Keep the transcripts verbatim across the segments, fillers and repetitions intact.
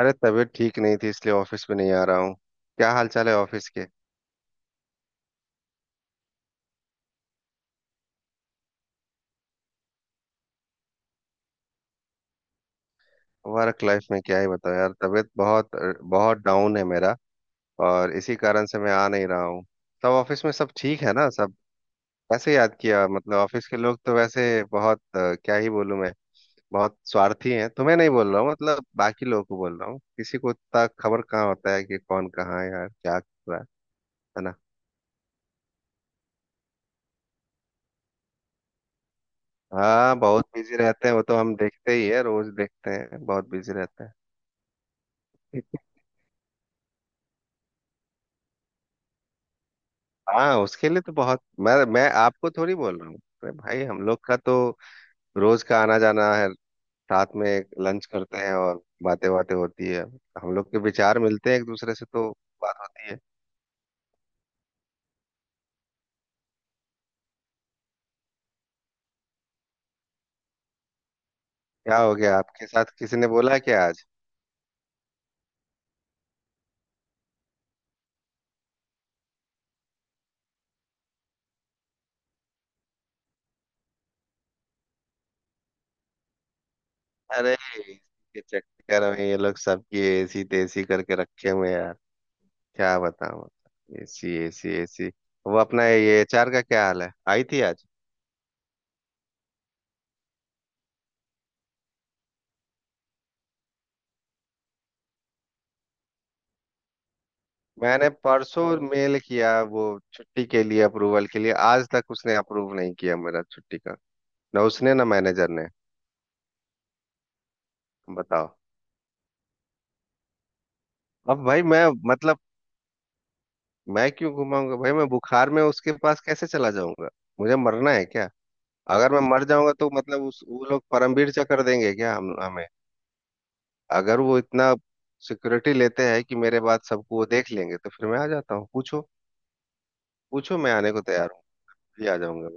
अरे तबीयत ठीक नहीं थी, इसलिए ऑफिस में नहीं आ रहा हूँ। क्या हाल चाल है ऑफिस के? वर्क लाइफ में क्या ही बताओ यार, तबीयत बहुत बहुत डाउन है मेरा, और इसी कारण से मैं आ नहीं रहा हूँ। सब ऑफिस में सब ठीक है ना? सब कैसे याद किया? मतलब ऑफिस के लोग तो वैसे बहुत अ, क्या ही बोलूँ मैं, बहुत स्वार्थी हैं। तुम्हें नहीं बोल रहा हूँ, मतलब बाकी लोगों को बोल रहा हूँ। किसी को इतना खबर कहाँ होता है कि कौन कहाँ है यार, क्या कर रहा है। है ना। हाँ बहुत बिजी रहते हैं, वो तो हम देखते ही है, रोज देखते हैं, बहुत बिजी रहते हैं। हाँ उसके लिए तो बहुत मैं मैं आपको थोड़ी बोल रहा हूँ। अरे भाई हम लोग का तो रोज का आना जाना है, साथ में लंच करते हैं और बातें बातें होती है। हम लोग के विचार मिलते हैं एक दूसरे से, तो बात होती है। क्या हो गया आपके साथ? किसी ने बोला क्या आज? अरे इसके चक्कर में ये लोग सबकी एसी तेसी करके रखे हुए हैं यार, क्या बताऊँ। AC AC AC. वो अपना ये एचआर का क्या हाल है? आई थी आज? मैंने परसों मेल किया वो छुट्टी के लिए, अप्रूवल के लिए। आज तक उसने अप्रूव नहीं किया मेरा छुट्टी का। ना उसने, ना मैनेजर ने। बताओ, अब भाई मैं, मतलब मैं क्यों घुमाऊंगा भाई? मैं बुखार में उसके पास कैसे चला जाऊंगा? मुझे मरना है क्या? अगर मैं मर जाऊंगा तो मतलब उस, वो लोग परमवीर चक्र देंगे क्या हम, हमें? अगर वो इतना सिक्योरिटी लेते हैं कि मेरे बाद सबको वो देख लेंगे तो फिर मैं आ जाता हूँ, पूछो। पूछो, मैं आने को तैयार हूँ। भी आ जाऊंगा।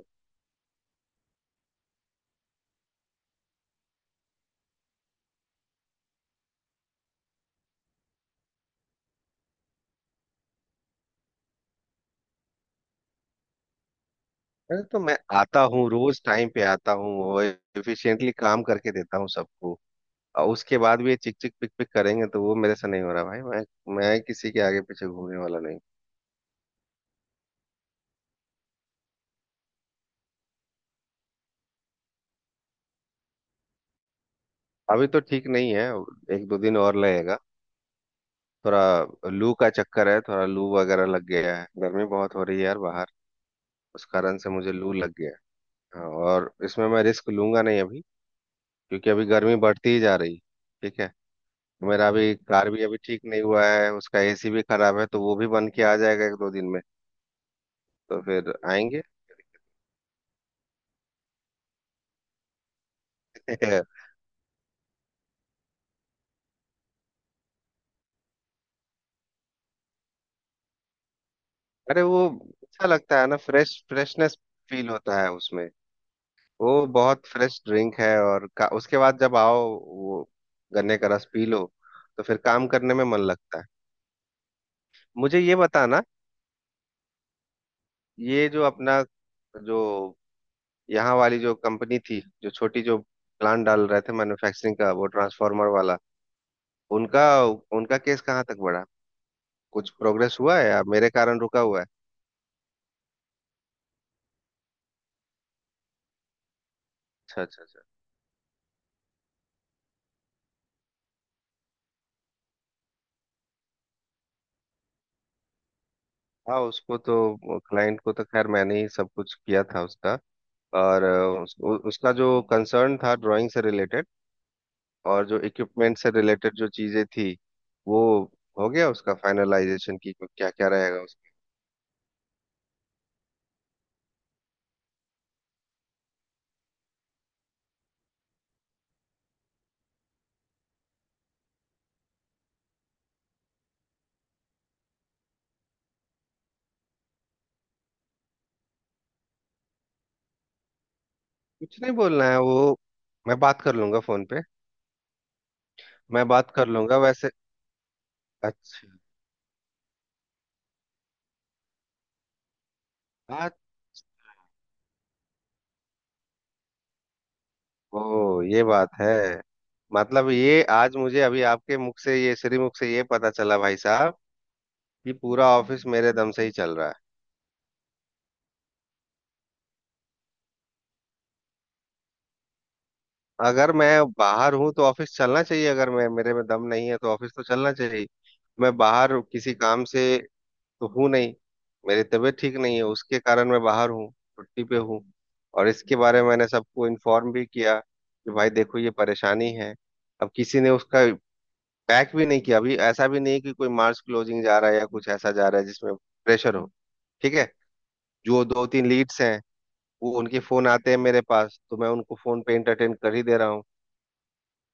अरे तो मैं आता हूँ रोज, टाइम पे आता हूँ, और एफिशिएंटली काम करके देता हूँ सबको। और उसके बाद भी ये चिक चिक पिक पिक करेंगे तो वो मेरे से नहीं हो रहा भाई। मैं मैं किसी के आगे पीछे घूमने वाला नहीं। अभी तो ठीक नहीं है, एक दो दिन और लगेगा। थोड़ा लू का चक्कर है, थोड़ा लू वगैरह लग गया है। गर्मी बहुत हो रही है यार बाहर, उस कारण से मुझे लू लग गया है। हाँ, और इसमें मैं रिस्क लूंगा नहीं अभी, क्योंकि अभी गर्मी बढ़ती ही जा रही है। ठीक है। मेरा अभी कार भी अभी ठीक नहीं हुआ है, उसका एसी भी खराब है, तो वो भी बन के आ जाएगा एक दो दिन में। तो फिर आएंगे। अरे वो अच्छा लगता है ना, फ्रेश, फ्रेशनेस फील होता है उसमें। वो बहुत फ्रेश ड्रिंक है और का, उसके बाद जब आओ वो, गन्ने का रस पी लो तो फिर काम करने में मन लगता है। मुझे ये बताना, ये जो अपना जो यहाँ वाली जो कंपनी थी, जो छोटी, जो प्लान डाल रहे थे मैन्युफैक्चरिंग का, वो ट्रांसफार्मर वाला, उनका, उनका केस कहाँ तक बढ़ा? कुछ प्रोग्रेस हुआ है या मेरे कारण रुका हुआ है? अच्छा अच्छा। हाँ उसको तो, क्लाइंट को तो खैर मैंने ही सब कुछ किया था उसका। और अ, उस, उ, उसका जो कंसर्न था ड्राइंग से रिलेटेड, और जो इक्विपमेंट से रिलेटेड जो चीजें थी, वो हो गया उसका फाइनलाइजेशन की क्या क्या रहेगा उसका। कुछ नहीं बोलना है, वो मैं बात कर लूंगा फोन पे। मैं बात कर लूंगा वैसे। अच्छा आज। ओ ये बात है। मतलब ये आज मुझे अभी आपके मुख से ये, श्री मुख से ये पता चला भाई साहब, कि पूरा ऑफिस मेरे दम से ही चल रहा है। अगर मैं बाहर हूँ तो ऑफिस चलना चाहिए, अगर मैं, मेरे में दम नहीं है तो ऑफिस तो चलना चाहिए। मैं बाहर किसी काम से तो हूँ नहीं, मेरी तबीयत ठीक नहीं है, उसके कारण मैं बाहर हूँ, छुट्टी पे हूँ। और इसके बारे में मैंने सबको इन्फॉर्म भी किया कि भाई देखो, ये परेशानी है। अब किसी ने उसका बैक भी नहीं किया। अभी ऐसा भी नहीं है कि कोई मार्च क्लोजिंग जा रहा है या कुछ ऐसा जा रहा है जिसमें प्रेशर हो। ठीक है। जो दो तीन लीड्स हैं, वो उनके फोन आते हैं मेरे पास, तो मैं उनको फोन पे एंटरटेन कर ही दे रहा हूँ।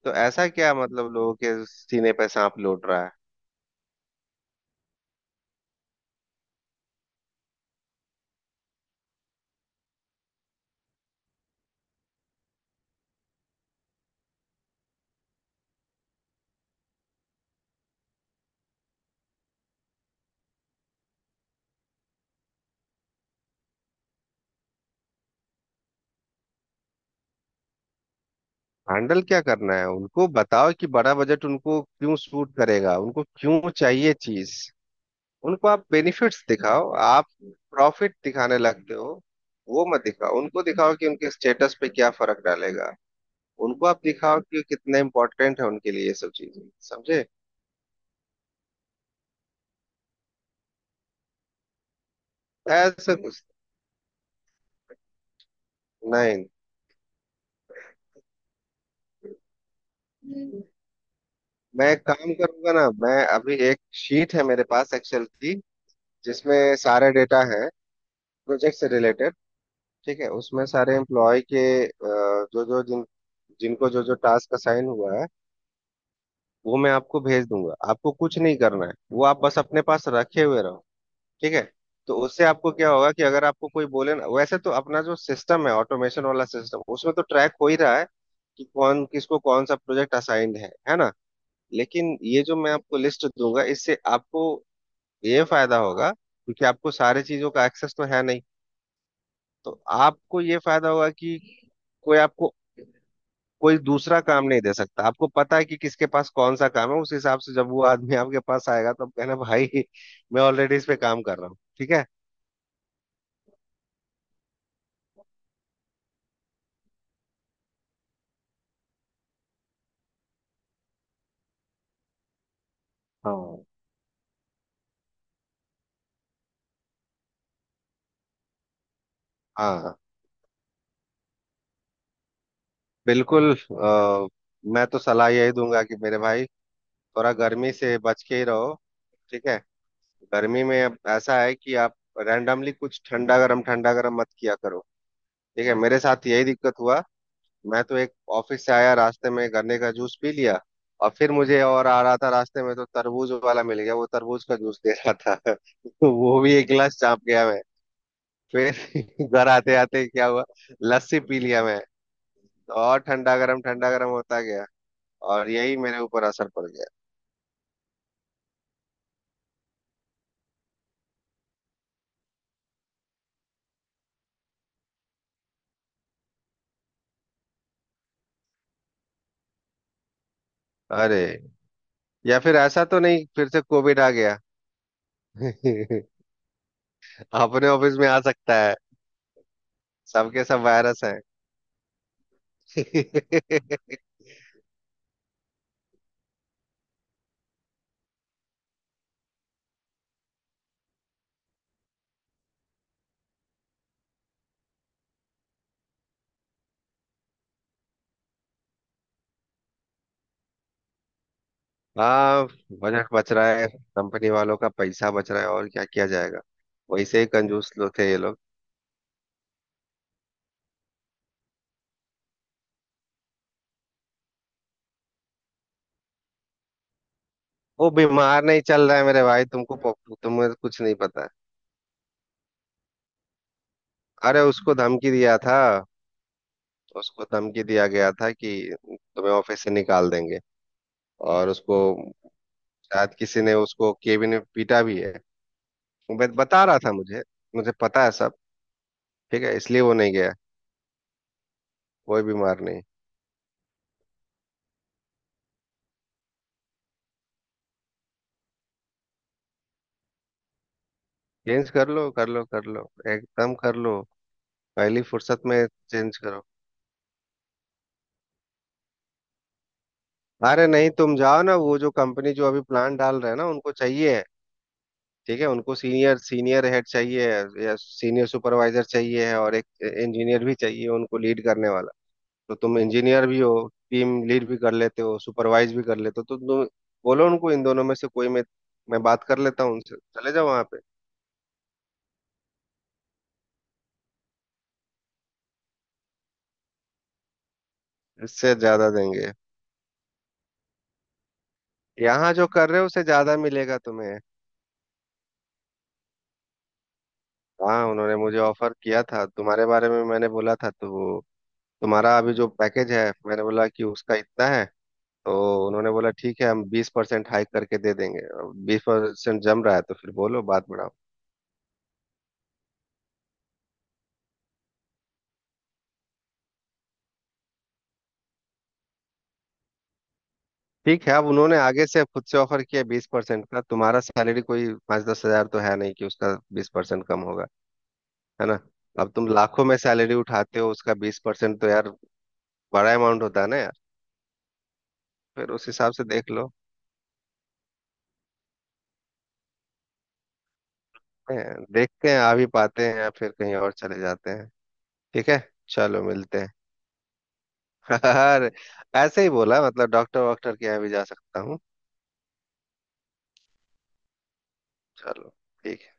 तो ऐसा क्या, मतलब लोगों के सीने पे सांप लौट रहा है? हैंडल क्या करना है, उनको बताओ कि बड़ा बजट उनको क्यों सूट करेगा, उनको क्यों चाहिए चीज। उनको आप बेनिफिट्स दिखाओ, आप प्रॉफिट दिखाने लगते हो, वो मत दिखाओ। उनको दिखाओ कि उनके स्टेटस पे क्या फर्क डालेगा। उनको आप दिखाओ कि कितना इम्पोर्टेंट है उनके लिए ये सब चीजें। समझे? ऐसा कुछ नहीं। मैं काम करूंगा ना, मैं अभी एक शीट है मेरे पास एक्सेल की, जिसमें सारे डेटा है प्रोजेक्ट से रिलेटेड, ठीक है। उसमें सारे एम्प्लॉय के अ, जो जो जिन, जिनको जो जो टास्क असाइन हुआ है, वो मैं आपको भेज दूंगा। आपको कुछ नहीं करना है, वो आप बस अपने पास रखे हुए रहो, ठीक है। तो उससे आपको क्या होगा कि अगर आपको कोई बोले ना, वैसे तो अपना जो सिस्टम है ऑटोमेशन वाला सिस्टम, उसमें तो ट्रैक हो ही रहा है कि कौन किसको कौन सा प्रोजेक्ट असाइंड है है ना। लेकिन ये जो मैं आपको लिस्ट दूंगा, इससे आपको ये फायदा होगा, क्योंकि आपको सारी चीजों का एक्सेस तो है नहीं। तो आपको ये फायदा होगा कि कोई आपको, कोई दूसरा काम नहीं दे सकता। आपको पता है कि किसके पास कौन सा काम है, उस हिसाब से जब वो आदमी आपके पास आएगा तो आप कहना भाई, मैं ऑलरेडी इस पे काम कर रहा हूँ, ठीक है। हाँ हाँ, बिल्कुल। अ, मैं तो सलाह यही दूंगा कि मेरे भाई, थोड़ा गर्मी से बच के ही रहो। ठीक है। गर्मी में अब ऐसा है कि आप रैंडमली कुछ ठंडा गरम ठंडा गरम मत किया करो, ठीक है। मेरे साथ यही दिक्कत हुआ। मैं तो एक, ऑफिस से आया, रास्ते में गन्ने का जूस पी लिया, और फिर मुझे और आ रहा था रास्ते में, तो तरबूज वाला मिल गया, वो तरबूज का जूस दे रहा था। तो वो भी एक गिलास चाप गया मैं। फिर घर आते आते क्या हुआ, लस्सी पी लिया मैं। और ठंडा गरम ठंडा गरम होता गया, और यही मेरे ऊपर असर पड़ गया। अरे, या फिर ऐसा तो नहीं फिर से कोविड आ गया? अपने ऑफिस में आ सकता है। सबके सब वायरस है। हाँ, बजट बच रहा है, कंपनी वालों का पैसा बच रहा है, और क्या किया जाएगा। वैसे ही कंजूस लोग थे ये लोग। वो बीमार नहीं चल रहा है मेरे भाई, तुमको पो- तुम्हें कुछ नहीं पता है। अरे उसको धमकी दिया था, उसको धमकी दिया गया था कि तुम्हें ऑफिस से निकाल देंगे, और उसको शायद किसी ने उसको केबिन में पीटा भी है। वो बत- बता रहा था मुझे, मुझे पता है सब। ठीक है, इसलिए वो नहीं गया। कोई बीमार नहीं। चेंज कर लो, कर लो कर लो, एकदम कर लो। पहली फुर्सत में चेंज करो। अरे नहीं, तुम जाओ ना, वो जो कंपनी जो अभी प्लान डाल रहे हैं ना, उनको चाहिए है, ठीक है। उनको सीनियर, सीनियर हेड चाहिए है या सीनियर सुपरवाइजर चाहिए है, और एक इंजीनियर भी चाहिए उनको लीड करने वाला। तो तुम इंजीनियर भी हो, टीम लीड भी कर लेते हो, सुपरवाइज भी कर लेते हो, तो तुम बोलो उनको इन दोनों में से कोई। मैं मैं बात कर लेता हूँ उनसे, चले जाओ वहाँ पे। इससे ज्यादा देंगे। यहाँ जो कर रहे हो उससे ज्यादा मिलेगा तुम्हें। हाँ, उन्होंने मुझे ऑफर किया था, तुम्हारे बारे में मैंने बोला था, तो वो, तुम्हारा अभी जो पैकेज है मैंने बोला कि उसका इतना है, तो उन्होंने बोला ठीक है, हम बीस परसेंट हाइक करके दे देंगे। बीस परसेंट जम रहा है तो फिर बोलो, बात बढ़ाओ। ठीक है, अब उन्होंने आगे से खुद से ऑफर किया बीस परसेंट का। तुम्हारा सैलरी कोई पाँच दस हजार तो है नहीं कि उसका बीस परसेंट कम होगा, है ना। अब तुम लाखों में सैलरी उठाते हो, उसका बीस परसेंट तो यार, बड़ा अमाउंट होता है ना यार। फिर उस हिसाब से देख लो। हैं, देखते हैं आ भी पाते हैं या फिर कहीं और चले जाते हैं। ठीक है, चलो मिलते हैं। अरे ऐसे ही बोला, मतलब डॉक्टर वॉक्टर के यहाँ भी जा सकता हूँ। चलो, ठीक है।